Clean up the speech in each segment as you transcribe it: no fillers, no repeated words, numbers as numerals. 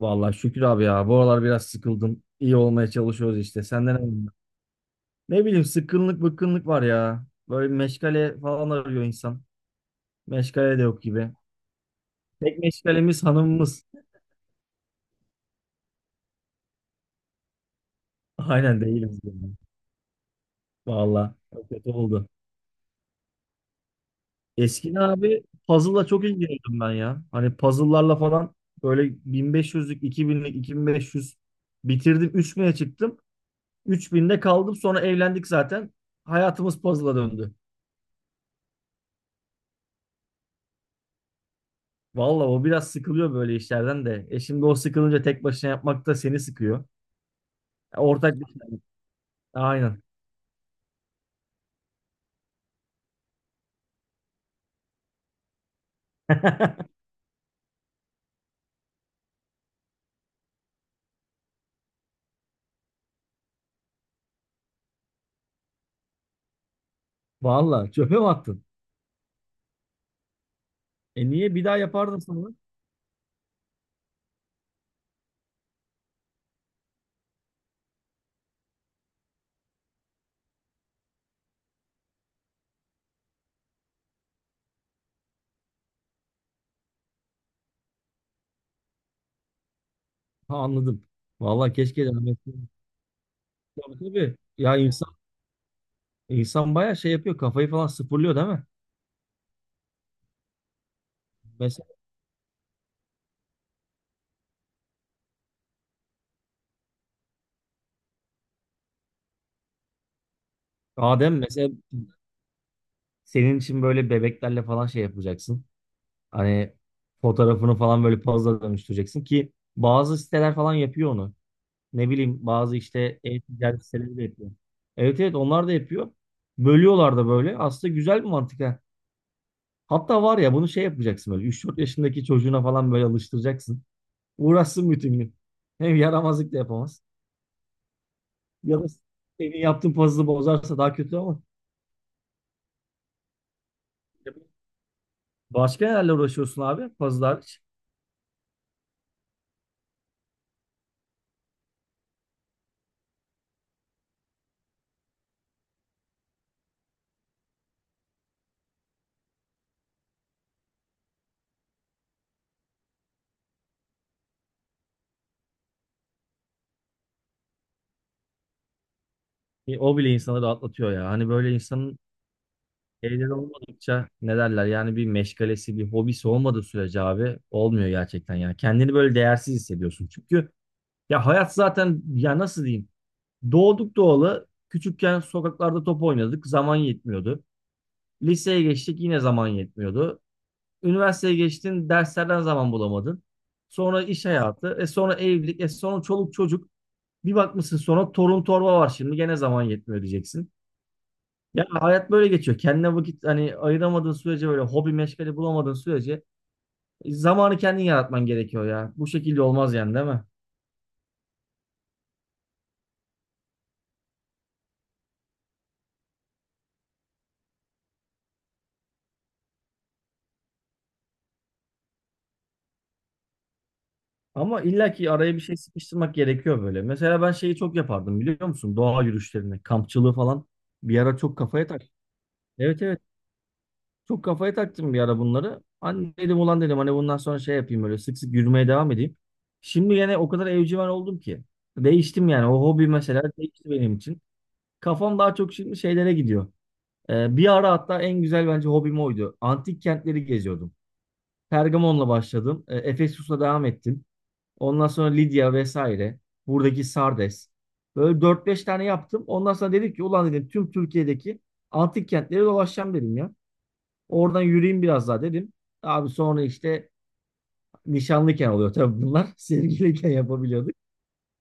Vallahi şükür abi ya. Bu aralar biraz sıkıldım. İyi olmaya çalışıyoruz işte. Senden ne bileyim. Ne bileyim, sıkkınlık bıkkınlık var ya. Böyle bir meşgale falan arıyor insan. Meşgale de yok gibi. Tek meşgalemiz hanımımız. Aynen, değiliz yani. Vallahi çok kötü oldu. Eskiden abi puzzle'la çok ilgileniyordum ben ya. Hani puzzle'larla falan böyle 1500'lük, 2000'lik, 2500 bitirdim. 3000'e çıktım. 3000'de kaldım. Sonra evlendik zaten. Hayatımız puzzle'a döndü. Valla o biraz sıkılıyor böyle işlerden de. E şimdi o sıkılınca tek başına yapmak da seni sıkıyor. E ortak. Aynen. Valla çöpe mi attın? E niye bir daha yapardın sonra? Ha, anladım. Valla keşke devam etseydin. Tabii tabii. Ya insan bayağı şey yapıyor. Kafayı falan sıfırlıyor, değil mi? Mesela Adem, mesela senin için böyle bebeklerle falan şey yapacaksın. Hani fotoğrafını falan böyle puzzle'a dönüştüreceksin ki bazı siteler falan yapıyor onu. Ne bileyim, bazı işte e-ticaret siteleri de yapıyor. Evet evet, onlar da yapıyor. Bölüyorlar da böyle. Aslında güzel bir mantık ha. Hatta var ya, bunu şey yapacaksın böyle, üç dört yaşındaki çocuğuna falan böyle alıştıracaksın. Uğraşsın bütün gün. Hem yaramazlık da yapamaz. Ya da senin yaptığın puzzle'ı bozarsa daha kötü ama. Başka nelerle uğraşıyorsun abi? Puzzle. O bile insanı rahatlatıyor ya. Hani böyle insanın şeyler olmadıkça, ne derler, yani bir meşgalesi bir hobisi olmadığı sürece abi olmuyor gerçekten yani, kendini böyle değersiz hissediyorsun çünkü ya hayat zaten, ya nasıl diyeyim, doğduk doğalı küçükken sokaklarda top oynadık, zaman yetmiyordu, liseye geçtik yine zaman yetmiyordu, üniversiteye geçtin derslerden zaman bulamadın, sonra iş hayatı, e sonra evlilik, e sonra çoluk çocuk, bir bakmışsın sonra torun torba var, şimdi gene zaman yetmiyor diyeceksin. Ya hayat böyle geçiyor. Kendine vakit hani ayıramadığın sürece, böyle hobi meşgale bulamadığın sürece zamanı kendin yaratman gerekiyor ya. Bu şekilde olmaz yani, değil mi? Ama illa ki araya bir şey sıkıştırmak gerekiyor böyle. Mesela ben şeyi çok yapardım, biliyor musun? Doğa yürüyüşlerini, kampçılığı falan bir ara çok kafaya tak. Evet evet. Çok kafaya taktım bir ara bunları. Hani dedim ulan, dedim hani bundan sonra şey yapayım, böyle sık sık yürümeye devam edeyim. Şimdi yine o kadar evcimen oldum ki. Değiştim yani. O hobi mesela değişti benim için. Kafam daha çok şimdi şeylere gidiyor. Bir ara hatta en güzel bence hobim oydu. Antik kentleri geziyordum. Pergamon'la başladım. Efesus'la devam ettim. Ondan sonra Lidya vesaire. Buradaki Sardes. Böyle dört beş tane yaptım. Ondan sonra dedim ki ulan, dedim tüm Türkiye'deki antik kentleri dolaşacağım dedim ya. Oradan yürüyeyim biraz daha dedim. Abi sonra işte nişanlıyken oluyor tabii bunlar. Sevgiliyken yapabiliyorduk.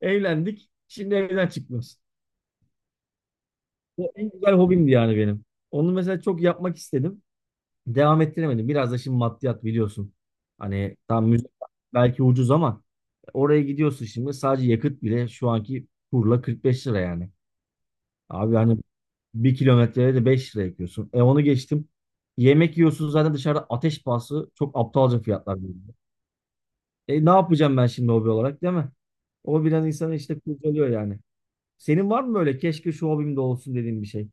Evlendik. Şimdi evden çıkmıyoruz. O en güzel hobimdi yani benim. Onu mesela çok yapmak istedim. Devam ettiremedim. Biraz da şimdi maddiyat biliyorsun. Hani tam müze belki ucuz ama oraya gidiyorsun şimdi, sadece yakıt bile şu anki kurla 45 lira yani. Abi hani bir kilometreye de 5 lira yakıyorsun. E onu geçtim. Yemek yiyorsun zaten dışarıda ateş pahası, çok aptalca fiyatlar birbirine. E ne yapacağım ben şimdi hobi olarak, değil mi? O bilen insanı işte kurcalıyor yani. Senin var mı böyle keşke şu hobim de olsun dediğin bir şey?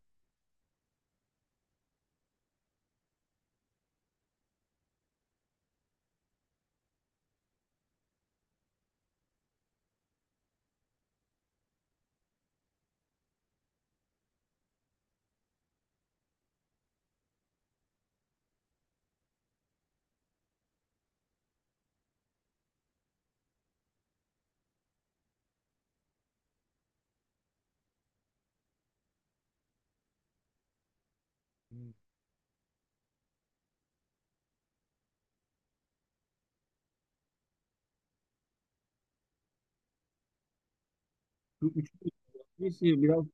Şu üçlü- birisi biraz,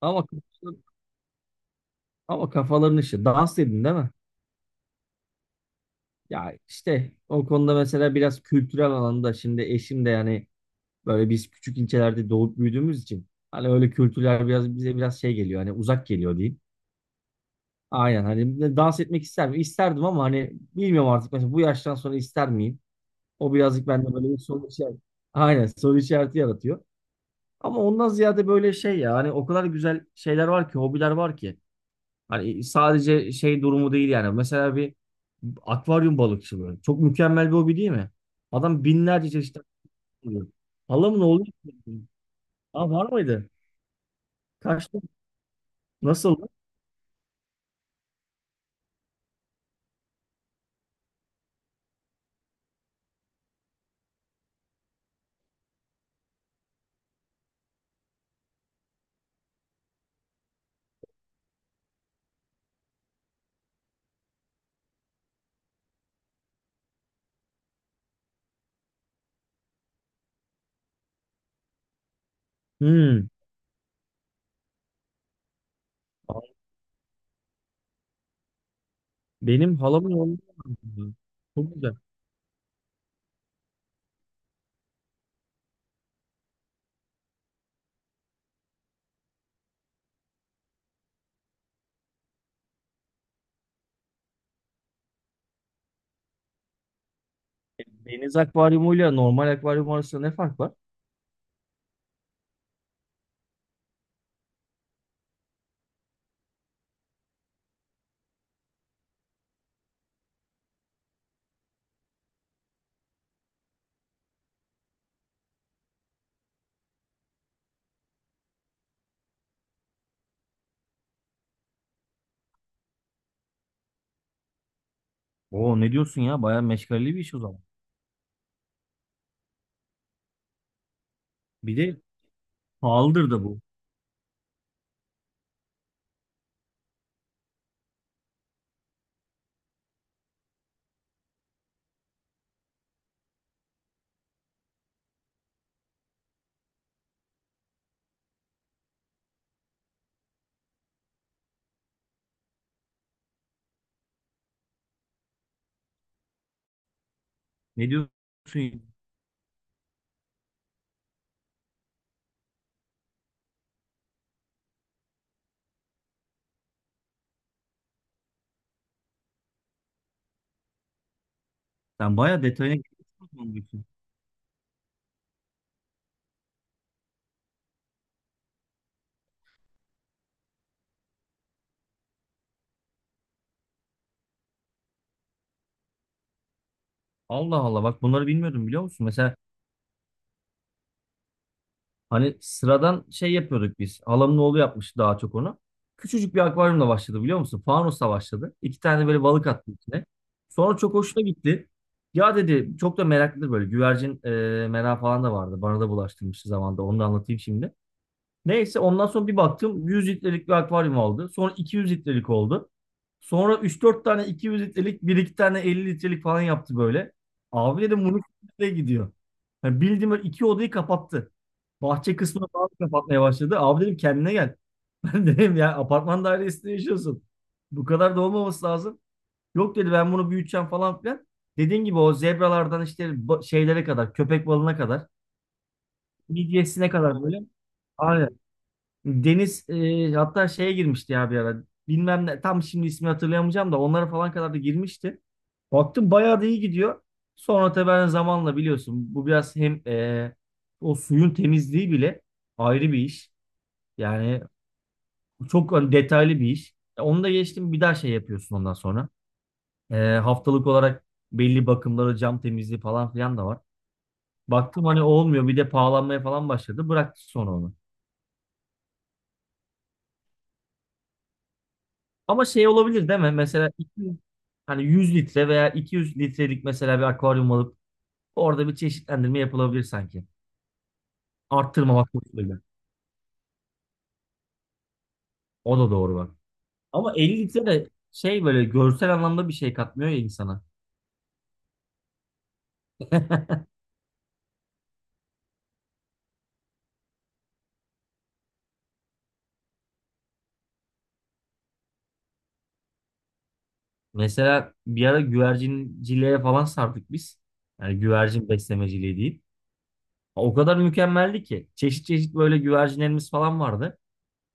ama kafaların- ama kafaların işi. Dans dedin, değil mi? Ya işte o konuda mesela biraz kültürel alanda şimdi eşim de yani, böyle biz küçük ilçelerde doğup büyüdüğümüz için hani öyle kültürler biraz bize biraz şey geliyor, hani uzak geliyor diyeyim. Aynen, hani de dans etmek ister mi, İsterdim ama hani bilmiyorum artık, mesela bu yaştan sonra ister miyim? O birazcık bende böyle bir soru işareti. Aynen, soru işareti yaratıyor. Ama ondan ziyade böyle şey ya, hani o kadar güzel şeyler var ki, hobiler var ki. Hani sadece şey durumu değil yani. Mesela bir akvaryum balıkçılığı. Çok mükemmel bir hobi, değil mi? Adam binlerce çeşit oluyor. Halamın oğlu. Aa, var mıydı? Kaçtı. Nasıl? Hmm. Benim halamın oğlu. Çok güzel. Deniz akvaryumuyla normal akvaryum arasında ne fark var? Oo ne diyorsun ya? Bayağı meşgaleli bir iş o zaman. Bir de pahalıdır da bu. Ne diyorsun ya? Sen bayağı detayına giriyorsun o zaman bu işin. Allah Allah, bak bunları bilmiyordum, biliyor musun? Mesela hani sıradan şey yapıyorduk biz. Halamın oğlu yapmış daha çok onu. Küçücük bir akvaryumla başladı, biliyor musun? Fanusla başladı. İki tane böyle balık attı içine. Sonra çok hoşuna gitti. Ya dedi, çok da meraklı böyle güvercin merakı falan da vardı. Bana da bulaştırmıştı zamanında. Onu da anlatayım şimdi. Neyse, ondan sonra bir baktım 100 litrelik bir akvaryum aldı. Sonra 200 litrelik oldu. Sonra 3-4 tane 200 litrelik, bir iki tane 50 litrelik falan yaptı böyle. Abi dedim, bunu nereye gidiyor? Yani bildiğim böyle iki odayı kapattı. Bahçe kısmını falan kapatmaya başladı. Abi dedim, kendine gel. Ben dedim ya, apartman dairesinde yaşıyorsun. Bu kadar da olmaması lazım. Yok dedi, ben bunu büyüteceğim falan filan. Dediğin gibi o zebralardan işte şeylere kadar, köpek balığına kadar, midyesine kadar böyle. Aynen. Deniz hatta şeye girmişti ya bir ara. Bilmem ne, tam şimdi ismi hatırlayamayacağım da, onlara falan kadar da girmişti. Baktım bayağı da iyi gidiyor. Sonra tabii ben zamanla biliyorsun bu biraz hem o suyun temizliği bile ayrı bir iş. Yani çok hani detaylı bir iş. Onu da geçtim, bir daha şey yapıyorsun ondan sonra. E, haftalık olarak belli bakımları, cam temizliği falan filan da var. Baktım hani olmuyor, bir de pahalanmaya falan başladı. Bıraktı sonra onu. Ama şey olabilir değil mi? Hani 100 litre veya 200 litrelik mesela bir akvaryum alıp orada bir çeşitlendirme yapılabilir sanki. Arttırmamak koşuluyla. O da doğru bak. Ama 50 litre de şey böyle görsel anlamda bir şey katmıyor ya insana. Mesela bir ara güvercinciliğe falan sardık biz. Yani güvercin beslemeciliği değil. O kadar mükemmeldi ki. Çeşit çeşit böyle güvercinlerimiz falan vardı.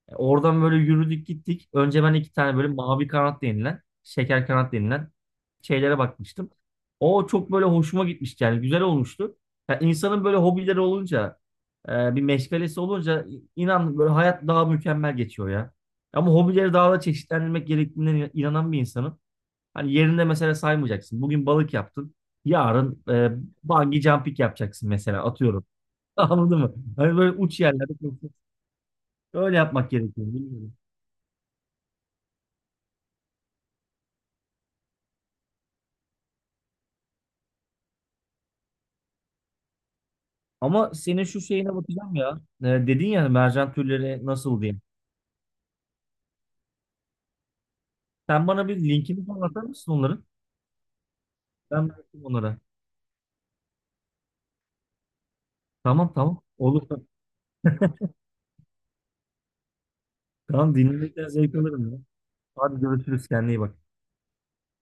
E, oradan böyle yürüdük gittik. Önce ben iki tane böyle mavi kanat denilen, şeker kanat denilen şeylere bakmıştım. O çok böyle hoşuma gitmişti yani, güzel olmuştu. Ya insanın böyle hobileri olunca, bir meşgalesi olunca inan böyle hayat daha mükemmel geçiyor ya. Ama hobileri daha da çeşitlendirmek gerektiğine inanan bir insanım. Hani yerinde mesela saymayacaksın. Bugün balık yaptın. Yarın bungee jumping yapacaksın mesela, atıyorum. Anladın mı? Hani böyle uç yerlerde. Öyle yapmak gerekiyor, bilmiyorum. Ama senin şu şeyine bakacağım ya. Dedin ya, mercan türleri nasıl diye. Sen bana bir linkini falan atar mısın onların? Ben bakayım onlara. Tamam tamam. Olur. Tamam. Tamam, dinlemekten zevk alırım ya. Hadi görüşürüz. Kendine iyi bak.